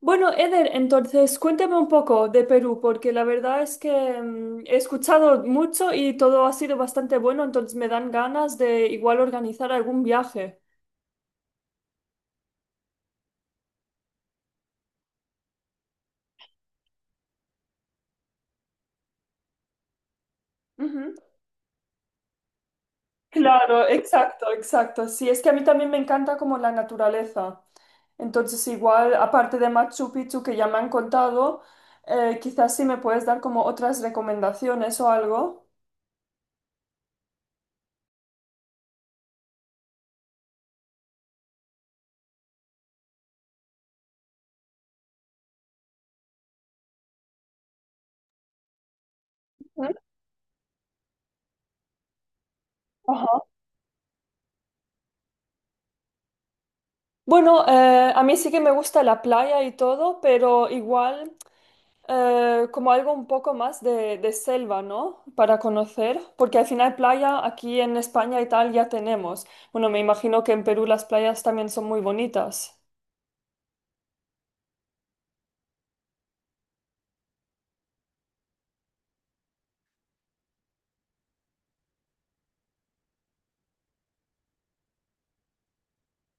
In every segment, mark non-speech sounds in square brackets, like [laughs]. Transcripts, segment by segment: Bueno, Eder, entonces cuéntame un poco de Perú, porque la verdad es que he escuchado mucho y todo ha sido bastante bueno, entonces me dan ganas de igual organizar algún viaje. Ujú. Claro, exacto, exacto. Sí, es que a mí también me encanta como la naturaleza. Entonces, igual, aparte de Machu Picchu que ya me han contado, quizás sí me puedes dar como otras recomendaciones o algo. Ujú. Ajá. Bueno, a mí sí que me gusta la playa y todo, pero igual como algo un poco más de selva, ¿no? Para conocer, porque al final playa aquí en España y tal ya tenemos. Bueno, me imagino que en Perú las playas también son muy bonitas.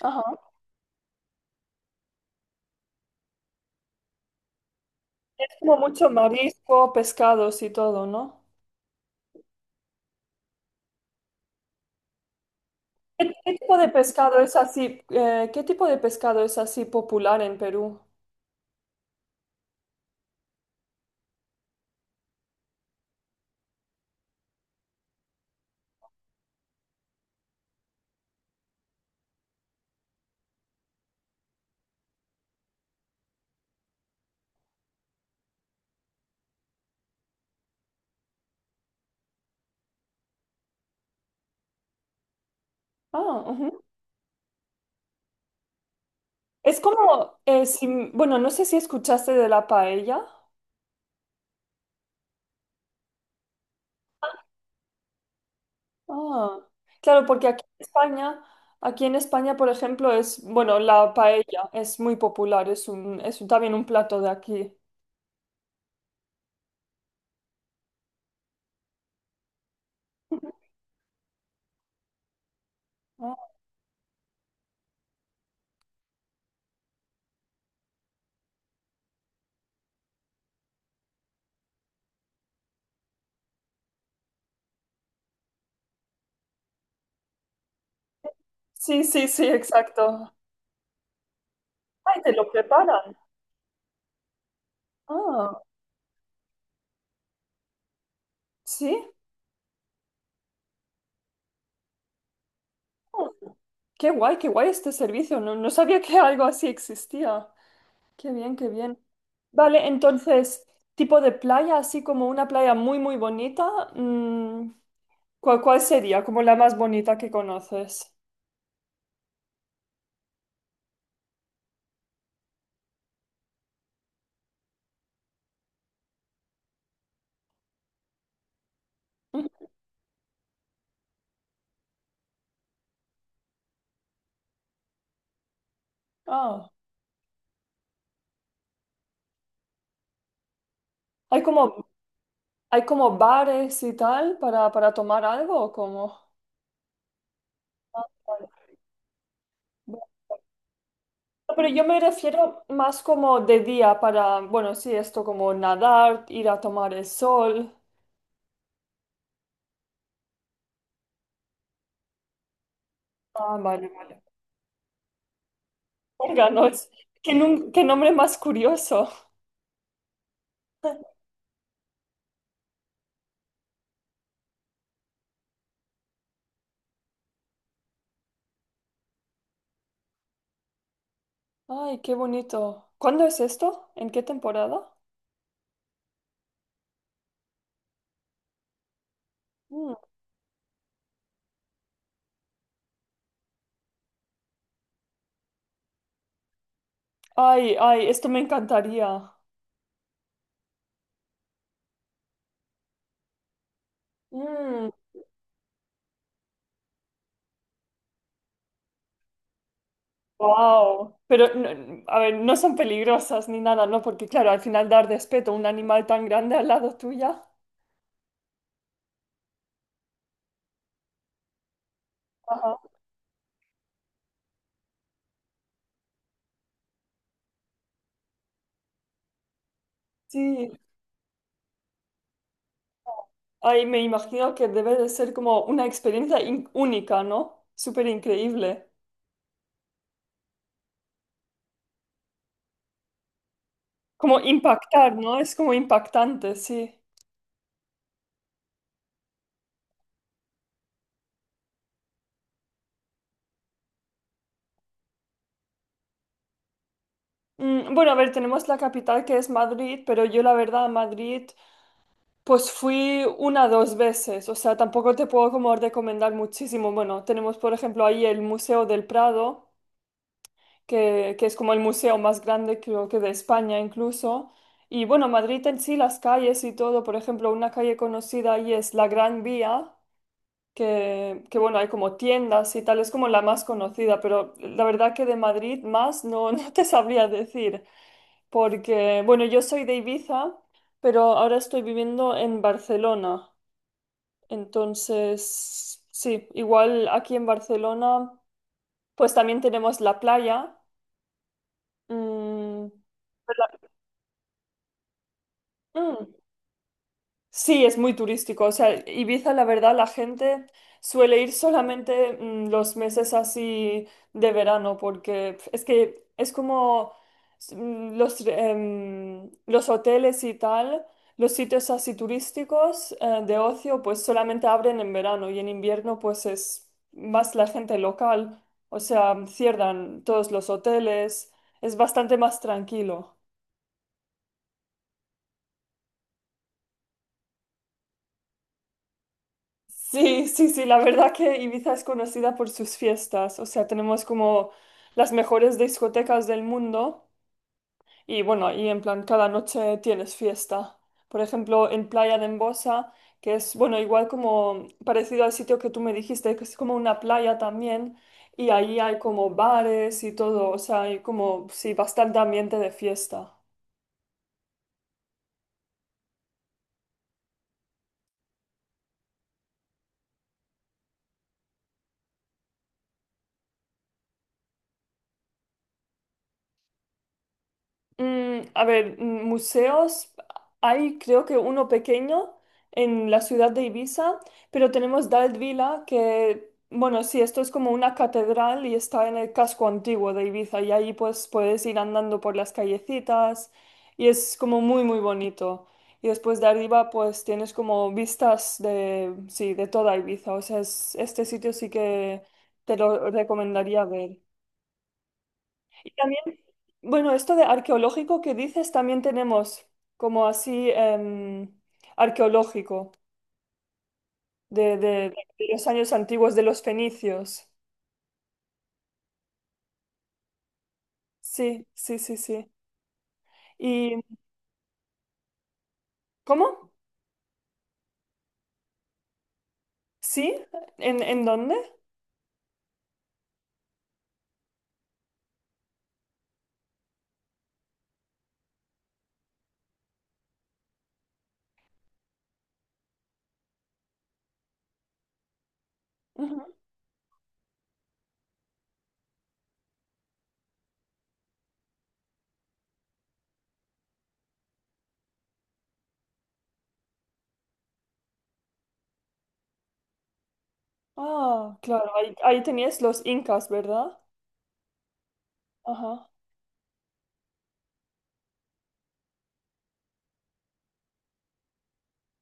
Ajá. Es como mucho marisco, pescados y todo, ¿no? ¿Qué tipo de pescado es así? ¿Qué tipo de pescado es así popular en Perú? Ah, ujú. Es como, bueno, no sé si escuchaste de la paella. Ah, claro, porque aquí en España, por ejemplo, es, bueno, la paella es muy popular, también un plato de aquí. Ah, sí, sí, sí, exacto. Ay, te lo preparan. Ah, sí. Ah, qué guay este servicio. No, no sabía que algo así existía. Qué bien, qué bien. Vale, entonces, tipo de playa, así como una playa muy, muy bonita, ¿cuál sería? Como la más bonita que conoces. Ujú. Ah, hay como ¿Hay como bares y tal para tomar algo o cómo? Ah, vale. Bueno, pero yo me refiero más como de día para, bueno, sí, esto como nadar, ir a tomar el sol. Ah, vale, vale. Órganos. Qué nombre más curioso. Ay, qué bonito. ¿Cuándo es esto? ¿En qué temporada? Mm. Ay, ay, esto me encantaría. Mm. Wow, pero no, a ver, no son peligrosas ni nada, ¿no? Porque claro, al final dar respeto a un animal tan grande al lado tuya. Ajá. Sí, ay, me imagino que debe de ser como una experiencia única, ¿no? Súper increíble. Como impactar, ¿no? Es como impactante, sí. Bueno, a ver, tenemos la capital que es Madrid, pero yo la verdad a Madrid pues fui una dos veces, o sea, tampoco te puedo como recomendar muchísimo. Bueno, tenemos por ejemplo ahí el Museo del Prado que es como el museo más grande creo que de España incluso. Y bueno, Madrid en sí, las calles y todo, por ejemplo, una calle conocida ahí es la Gran Vía, que bueno, hay como tiendas y tal, es como la más conocida, pero la verdad que de Madrid más no, [laughs] no te sabría decir, porque bueno, yo soy de Ibiza, pero ahora estoy viviendo en Barcelona, entonces sí, igual aquí en Barcelona, pues también tenemos la playa. mm, Mm, Sí, es muy turístico. O sea, Ibiza, la verdad, la gente suele ir solamente los meses así de verano, porque pf, es que es como los hoteles y tal, los sitios así turísticos de ocio, pues solamente abren en verano y en invierno, pues es más la gente local. O sea, cierran todos los hoteles, es bastante más tranquilo. Sí, sí, sí, la verdad que Ibiza es conocida por sus fiestas, o sea, tenemos como las mejores discotecas del mundo y bueno, y en plan cada noche tienes fiesta. Por ejemplo, en Playa de Embosa, que es, bueno, igual como parecido al sitio que tú me dijiste, que es como una playa también y ahí hay como bares y todo, o sea, hay como, sí, bastante ambiente de fiesta. A ver, museos, hay creo que uno pequeño en la ciudad de Ibiza, pero tenemos Dalvila que, bueno, sí, esto es como una catedral y está en el casco antiguo de Ibiza y ahí pues puedes ir andando por las callecitas y es como muy, muy bonito. Y después de arriba pues tienes como vistas de, sí, de toda Ibiza, o sea, este sitio sí que te lo recomendaría ver. Y también, bueno, esto de arqueológico que dices, también tenemos como así arqueológico de los años antiguos de los fenicios. Sí, sí, sí, sí. ¿Y cómo? ¿Sí? En dónde? Ujú. Ah, claro, ahí, ahí tenías los incas, ¿verdad? Ajá.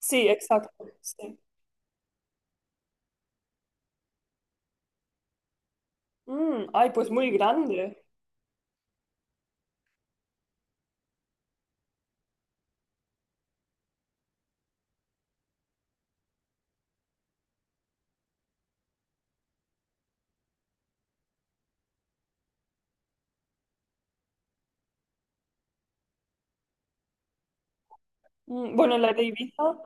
Sí, exacto. Sí. Mm, ay, pues muy grande. Mm, bueno, la de Ibiza.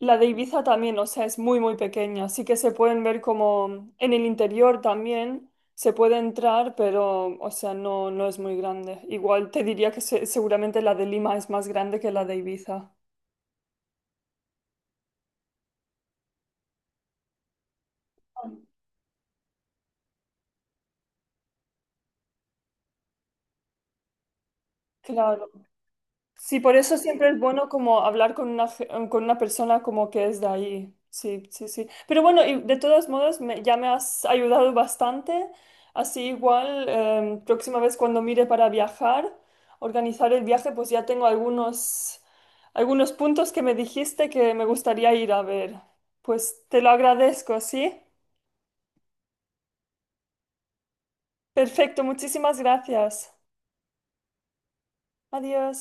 La de Ibiza también, o sea, es muy, muy pequeña. Así que se pueden ver como en el interior también se puede entrar, pero, o sea, no, no es muy grande. Igual te diría que seguramente la de Lima es más grande que la de Ibiza. Claro. Sí, por eso siempre es bueno como hablar con una, con una persona como que es de ahí. Sí, sí, sí. Pero bueno, y de todos modos ya me has ayudado bastante. Así igual, próxima vez cuando mire para viajar, organizar el viaje, pues ya tengo algunos, algunos puntos que me dijiste que me gustaría ir a ver. Pues te lo agradezco, ¿sí? Perfecto, muchísimas gracias. Adiós.